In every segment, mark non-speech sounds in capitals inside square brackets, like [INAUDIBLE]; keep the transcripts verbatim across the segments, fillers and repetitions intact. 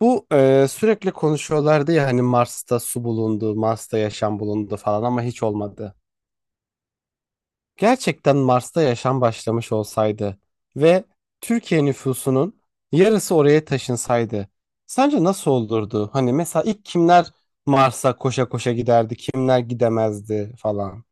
Bu e, sürekli konuşuyorlardı ya hani Mars'ta su bulundu, Mars'ta yaşam bulundu falan ama hiç olmadı. Gerçekten Mars'ta yaşam başlamış olsaydı ve Türkiye nüfusunun yarısı oraya taşınsaydı sence nasıl olurdu? Hani mesela ilk kimler Mars'a koşa koşa giderdi, kimler gidemezdi falan.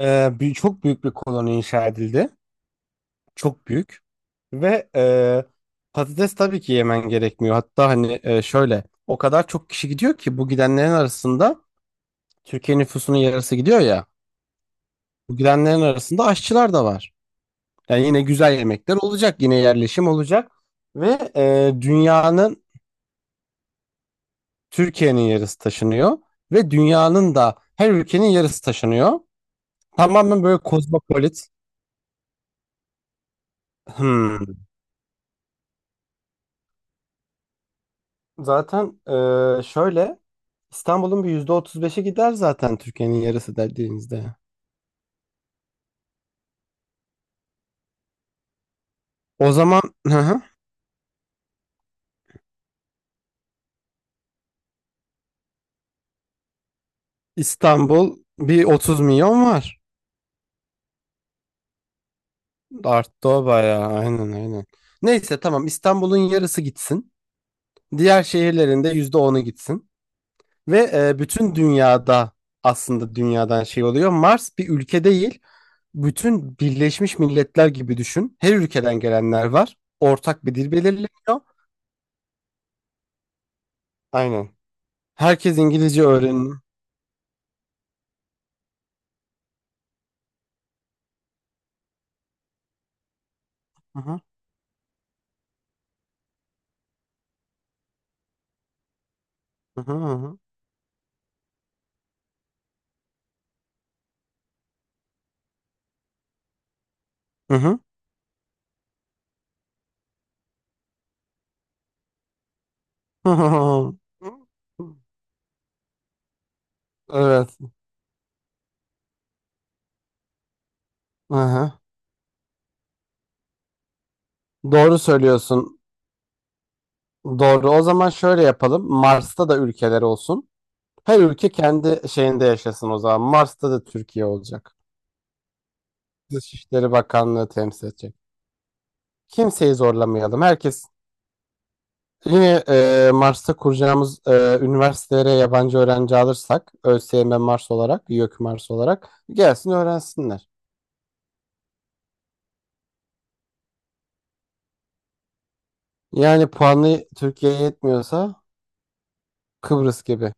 E, bir, çok büyük bir koloni inşa edildi. Çok büyük. Ve e, patates tabii ki yemen gerekmiyor. Hatta hani e, şöyle o kadar çok kişi gidiyor ki bu gidenlerin arasında Türkiye nüfusunun yarısı gidiyor ya. Bu gidenlerin arasında aşçılar da var. Yani yine güzel yemekler olacak, yine yerleşim olacak ve e, dünyanın Türkiye'nin yarısı taşınıyor ve dünyanın da her ülkenin yarısı taşınıyor. Tamamen böyle kozmopolit. Hmm. Zaten e, şöyle İstanbul'un bir yüzde otuz beşi gider zaten Türkiye'nin yarısı dediğinizde. O zaman hı hı, İstanbul bir otuz milyon var. Arttı o bayağı aynen aynen. Neyse tamam İstanbul'un yarısı gitsin. Diğer şehirlerinde yüzde onu gitsin. Ve e, bütün dünyada aslında dünyadan şey oluyor. Mars bir ülke değil. Bütün Birleşmiş Milletler gibi düşün. Her ülkeden gelenler var. Ortak bir dil belirleniyor. Aynen. Herkes İngilizce öğren. Aha, aha, aha, aha. [LAUGHS] Evet. Aha. Doğru söylüyorsun. Doğru. O zaman şöyle yapalım. Mars'ta da ülkeler olsun. Her ülke kendi şeyinde yaşasın o zaman. Mars'ta da Türkiye olacak. Dışişleri Bakanlığı temsil edecek. Kimseyi zorlamayalım. Herkes yine e, Mars'ta kuracağımız e, üniversitelere yabancı öğrenci alırsak ÖSYM Mars olarak, YÖK Mars olarak gelsin öğrensinler. Yani puanı Türkiye'ye yetmiyorsa Kıbrıs gibi.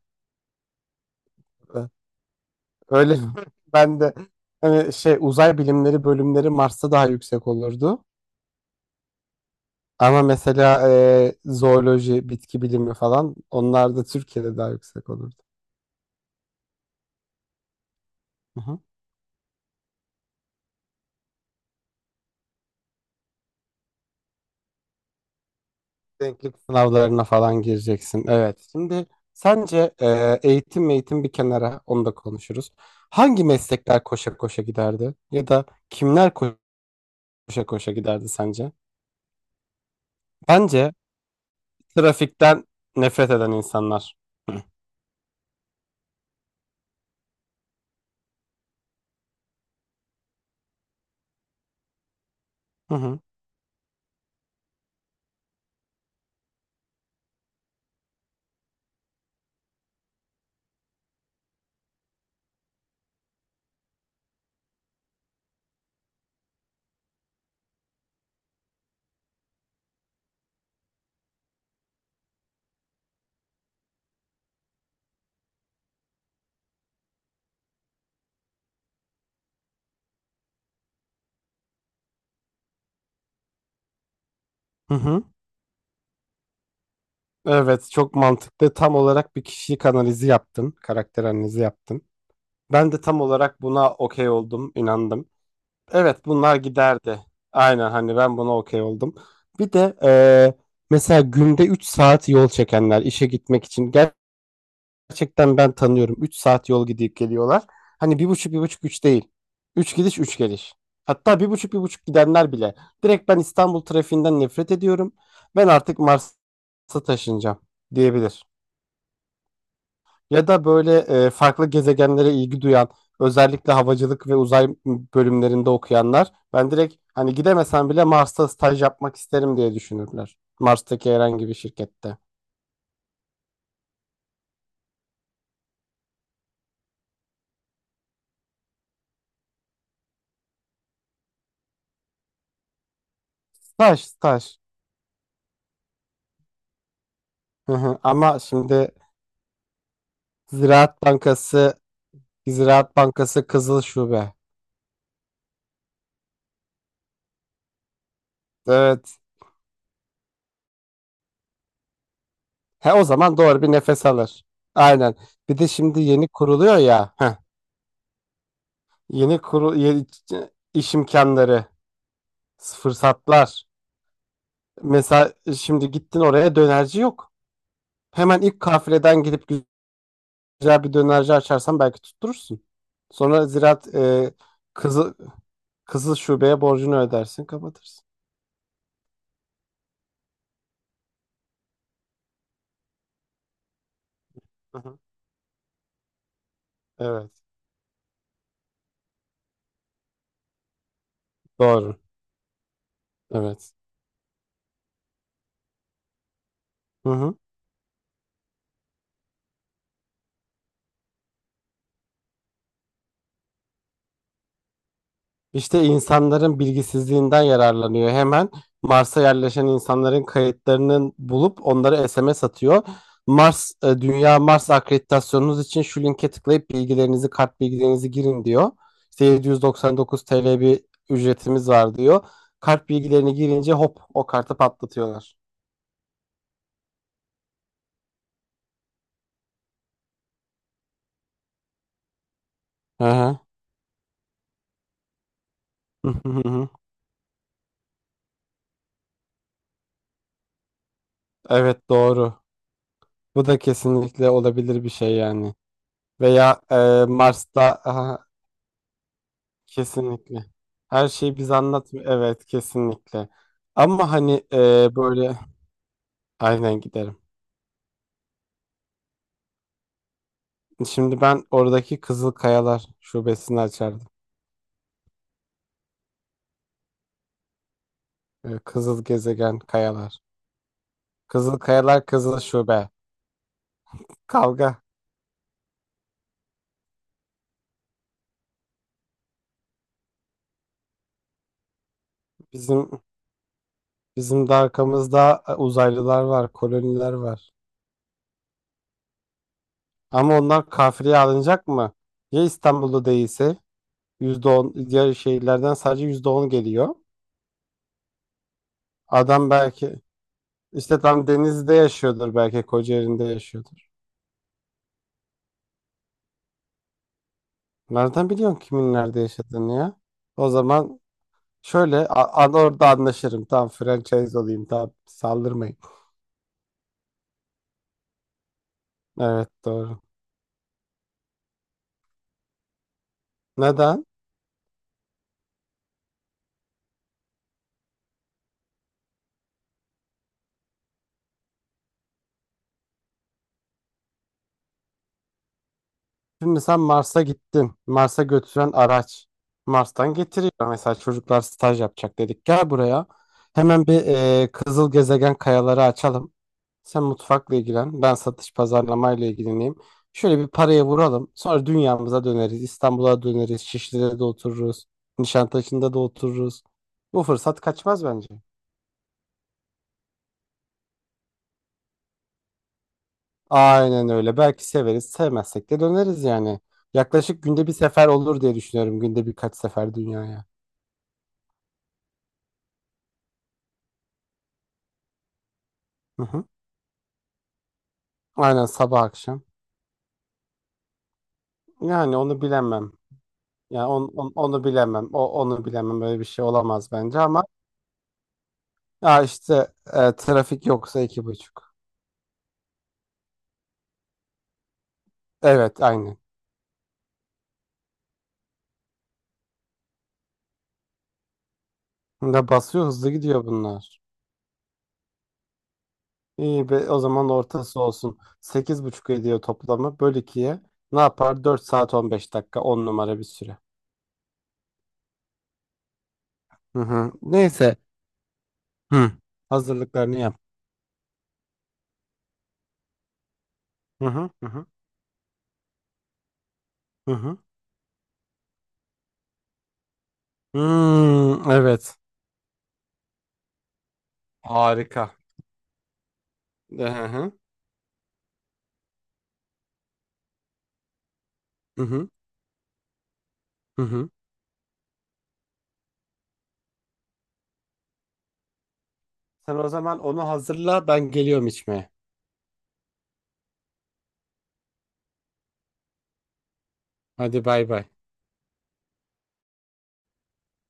Öyle [LAUGHS] ben de hani şey uzay bilimleri bölümleri Mars'ta daha yüksek olurdu. Ama mesela e, zooloji, bitki bilimi falan onlar da Türkiye'de daha yüksek olurdu. Hı hı. Denklik sınavlarına falan gireceksin. Evet. Şimdi sence e, eğitim eğitim bir kenara onu da konuşuruz. Hangi meslekler koşa koşa giderdi? Ya da kimler koşa koşa giderdi sence? Bence trafikten nefret eden insanlar. Hı hı. Hı hı. Evet, çok mantıklı. Tam olarak bir kişilik analizi yaptın, karakter analizi yaptın. Ben de tam olarak buna okey oldum, inandım. Evet, bunlar giderdi. Aynen hani ben buna okey oldum. Bir de eee, mesela günde üç saat yol çekenler işe gitmek için gerçekten ben tanıyorum. Üç saat yol gidip geliyorlar. Hani bir buçuk, bir buçuk, üç değil. Üç gidiş üç geliş. Hatta bir buçuk, bir buçuk gidenler bile. Direkt ben İstanbul trafiğinden nefret ediyorum. Ben artık Mars'a taşınacağım diyebilir. Ya da böyle e, farklı gezegenlere ilgi duyan, özellikle havacılık ve uzay bölümlerinde okuyanlar, ben direkt hani gidemesen bile Mars'ta staj yapmak isterim diye düşünürler. Mars'taki herhangi bir şirkette. Staj, staj. Hı hı. Ama şimdi Ziraat Bankası, Ziraat Bankası Kızıl Şube. Evet. He o zaman doğru bir nefes alır. Aynen. Bir de şimdi yeni kuruluyor ya. Heh, yeni kurul yeni iş imkanları, fırsatlar. Mesela şimdi gittin oraya dönerci yok. Hemen ilk kafileden gidip güzel bir dönerci açarsan belki tutturursun. Sonra ziraat e, kızı kızıl şubeye borcunu ödersin, kapatırsın. Hı hı. Evet. Doğru. Evet. Hı hı. İşte insanların bilgisizliğinden yararlanıyor. Hemen Mars'a yerleşen insanların kayıtlarını bulup onları S M S atıyor. Mars, e, Dünya Mars akreditasyonunuz için şu linke tıklayıp bilgilerinizi, kart bilgilerinizi girin diyor. İşte yedi yüz doksan dokuz T L bir ücretimiz var diyor. Kart bilgilerini girince hop o kartı patlatıyorlar. Hı hı. [LAUGHS] Evet doğru. Bu da kesinlikle olabilir bir şey yani. Veya e, Mars'ta kesinlikle. Her şeyi biz anlatmıyor. Evet, kesinlikle. Ama hani e, böyle aynen giderim. Şimdi ben oradaki Kızıl Kayalar şubesini açardım. E, Kızıl Gezegen Kayalar. Kızıl Kayalar Kızıl Şube. Kavga. Bizim bizim de arkamızda e, uzaylılar var, koloniler var. Ama onlar kafireye alınacak mı? Ya İstanbul'da değilse yüzde on, diğer şehirlerden sadece yüzde on geliyor. Adam belki, İşte tam denizde yaşıyordur, belki Kocaeli'nde yaşıyordur. Nereden biliyorsun kimin nerede yaşadığını ya? O zaman şöyle a- a- orada anlaşırım. Tamam franchise olayım. Tamam saldırmayın. Evet doğru. Neden? Şimdi sen Mars'a gittin. Mars'a götüren araç Mars'tan getiriyor. Mesela çocuklar staj yapacak dedik. Gel buraya. Hemen bir e, kızıl gezegen kayaları açalım. Sen mutfakla ilgilen, ben satış pazarlamayla ilgileneyim. Şöyle bir paraya vuralım. Sonra dünyamıza döneriz. İstanbul'a döneriz. Şişli'de de otururuz. Nişantaşı'nda da otururuz. Bu fırsat kaçmaz bence. Aynen öyle. Belki severiz, sevmezsek de döneriz yani. Yaklaşık günde bir sefer olur diye düşünüyorum. Günde birkaç sefer dünyaya. Hı hı. Aynen sabah akşam. Yani onu bilemem. Yani on, on- onu bilemem. O onu bilemem. Böyle bir şey olamaz bence ama ya işte e, trafik yoksa iki buçuk. Evet, aynı. Ne basıyor hızlı gidiyor bunlar. İyi be o zaman ortası olsun. Sekiz buçuk ediyor toplamı. Böl ikiye ne yapar? Dört saat on beş dakika, on numara bir süre. Hı hı. Neyse. Hı. Hazırlıklarını yap. Hı hı hı hı. Hı hı. Hmm, evet. Harika. Hı hı. Hı hı. Hı hı. Sen o zaman onu hazırla ben geliyorum içmeye. Hadi bay bay.